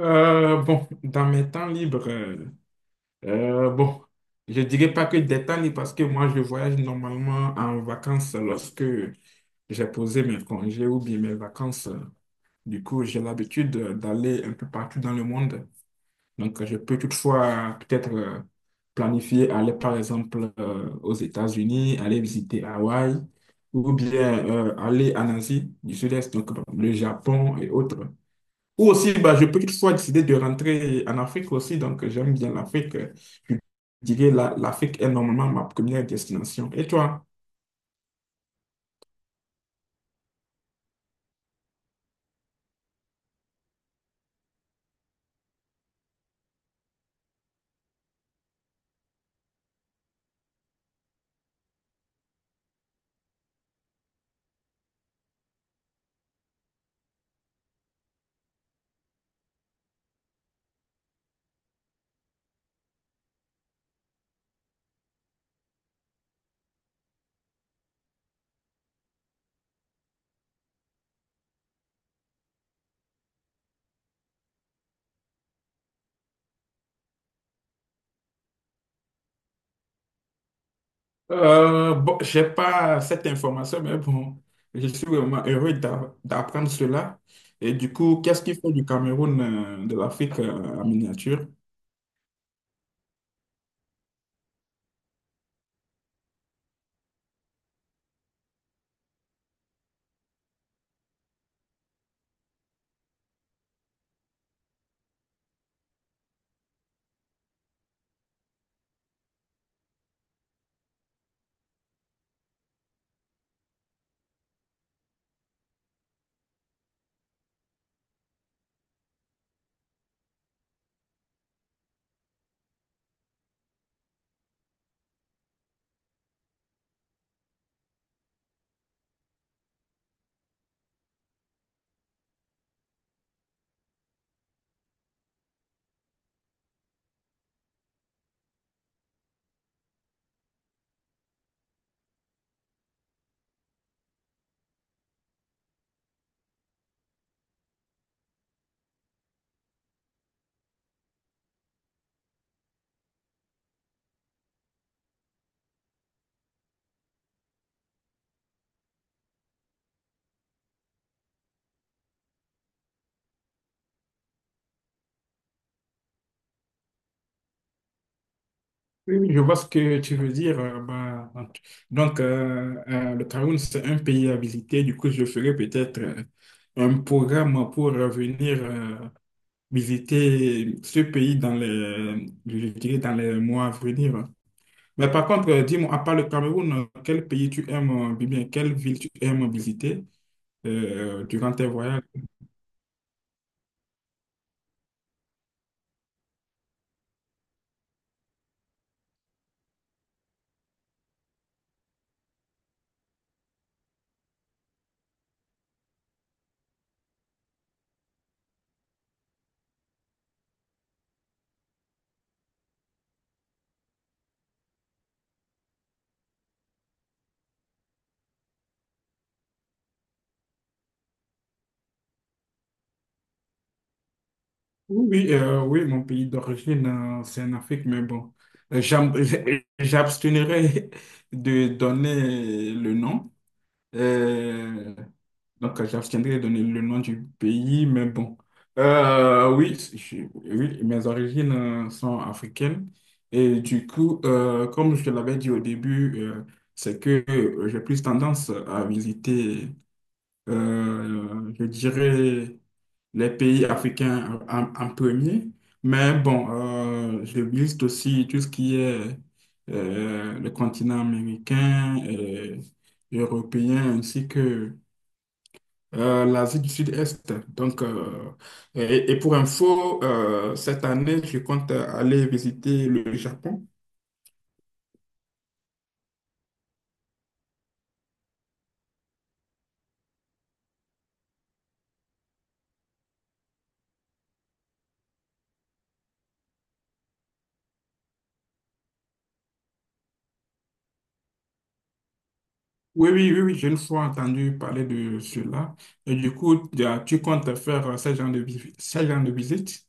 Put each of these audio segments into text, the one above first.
Dans mes temps libres, euh, bon, je dirais pas que des temps libres parce que moi, je voyage normalement en vacances lorsque j'ai posé mes congés ou bien mes vacances. Du coup, j'ai l'habitude d'aller un peu partout dans le monde. Donc, je peux toutefois peut-être planifier aller par exemple aux États-Unis, aller visiter Hawaï ou bien aller en Asie du Sud-Est, donc bon, le Japon et autres. Ou aussi, bah, je peux toutefois décider de rentrer en Afrique aussi, donc j'aime bien l'Afrique. Je L'Afrique est normalement ma première destination. Et toi? J'ai pas cette information, mais bon, je suis vraiment heureux d'apprendre cela. Et du coup, qu'est-ce qu'il faut du Cameroun, de l'Afrique en miniature? Oui, oui, je vois ce que tu veux dire. Le Cameroun, c'est un pays à visiter. Du coup, je ferai peut-être un programme pour revenir visiter ce pays dans je dirais dans les mois à venir. Mais par contre, dis-moi, à part le Cameroun, quel pays tu aimes, bien, quelle ville tu aimes visiter durant tes voyages? Oui, mon pays d'origine, c'est en Afrique, mais bon, euh, j'ab- j'abstiendrai de donner le nom. Euh, J'abstiendrai de donner le nom du pays, mais bon. Oui, oui, mes origines sont africaines. Et du coup, comme je te l'avais dit au début, c'est que j'ai plus tendance à visiter je dirais les pays africains en premier. Mais bon, je liste aussi tout ce qui est le continent américain, et européen, ainsi que l'Asie du Sud-Est. Et et pour info, cette année, je compte aller visiter le Japon. Oui, oui, oui, oui, j'ai une fois entendu parler de cela. Et du coup, tu comptes faire ce genre de visite?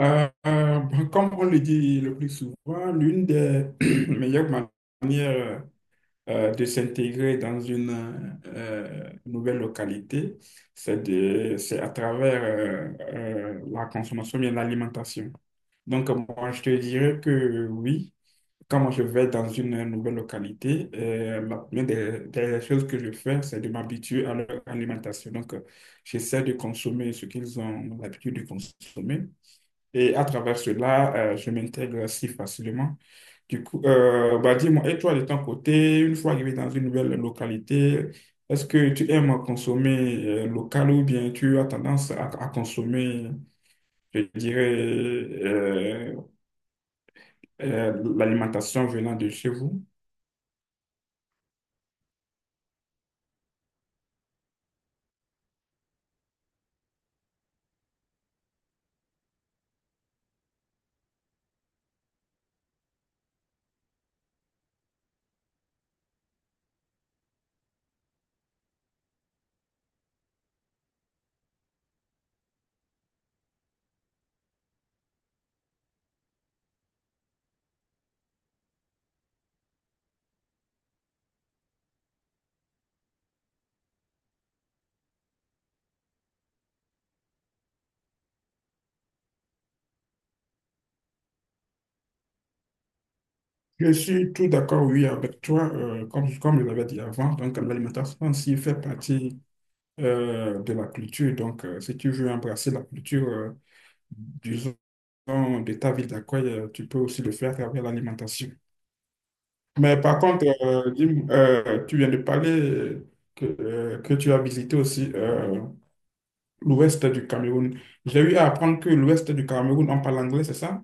Comme on le dit le plus souvent, l'une des meilleures manières de s'intégrer dans une nouvelle localité, c'est à travers la consommation et l'alimentation. Donc, moi, je te dirais que oui, quand moi je vais dans une nouvelle localité, la première des choses que je fais, c'est de m'habituer à leur alimentation. Donc, j'essaie de consommer ce qu'ils ont l'habitude de consommer. Et à travers cela, je m'intègre si facilement. Du coup, bah dis-moi, et toi de ton côté, une fois arrivé dans une nouvelle localité, est-ce que tu aimes consommer local ou bien tu as tendance à consommer, je dirais, l'alimentation venant de chez vous? Je suis tout d'accord, oui, avec toi, comme je l'avais dit avant, donc l'alimentation aussi fait partie de la culture. Donc, si tu veux embrasser la culture, euh, de ta ville d'accueil, tu peux aussi le faire à travers l'alimentation. Mais par contre, dis-moi, tu viens de parler que tu as visité aussi l'ouest du Cameroun. J'ai eu à apprendre que l'ouest du Cameroun, on parle anglais, c'est ça?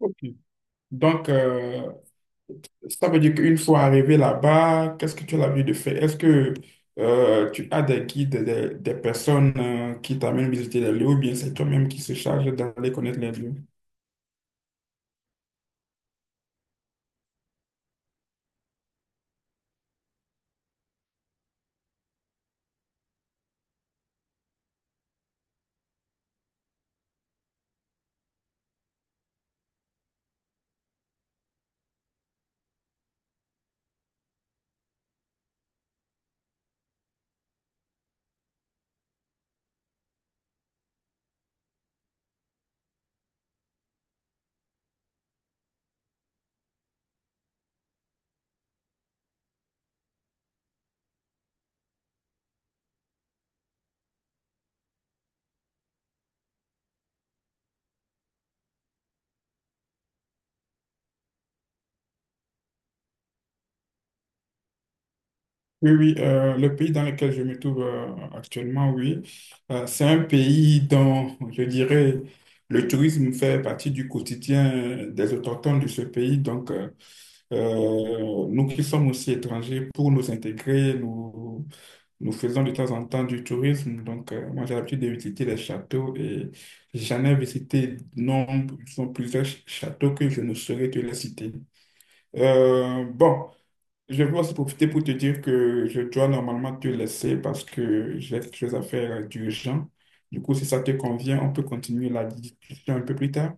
Ok. Donc, ça veut dire qu'une fois arrivé là-bas, qu'est-ce que tu as l'habitude de faire? Est-ce que tu as des guides, des personnes qui t'amènent visiter les lieux ou bien c'est toi-même qui se charge d'aller connaître les lieux? Oui, oui, le pays dans lequel je me trouve actuellement, oui, c'est un pays dont je dirais le tourisme fait partie du quotidien des autochtones de ce pays. Nous qui sommes aussi étrangers, pour nous intégrer, nous, nous faisons de temps en temps du tourisme. Donc, moi, j'ai l'habitude de visiter les châteaux et j'en ai visité nombre, sont plusieurs châteaux que je ne saurais te les citer. Euh, bon, je veux aussi profiter pour te dire que je dois normalement te laisser parce que j'ai quelque chose à faire d'urgent. Du coup, si ça te convient, on peut continuer la discussion un peu plus tard.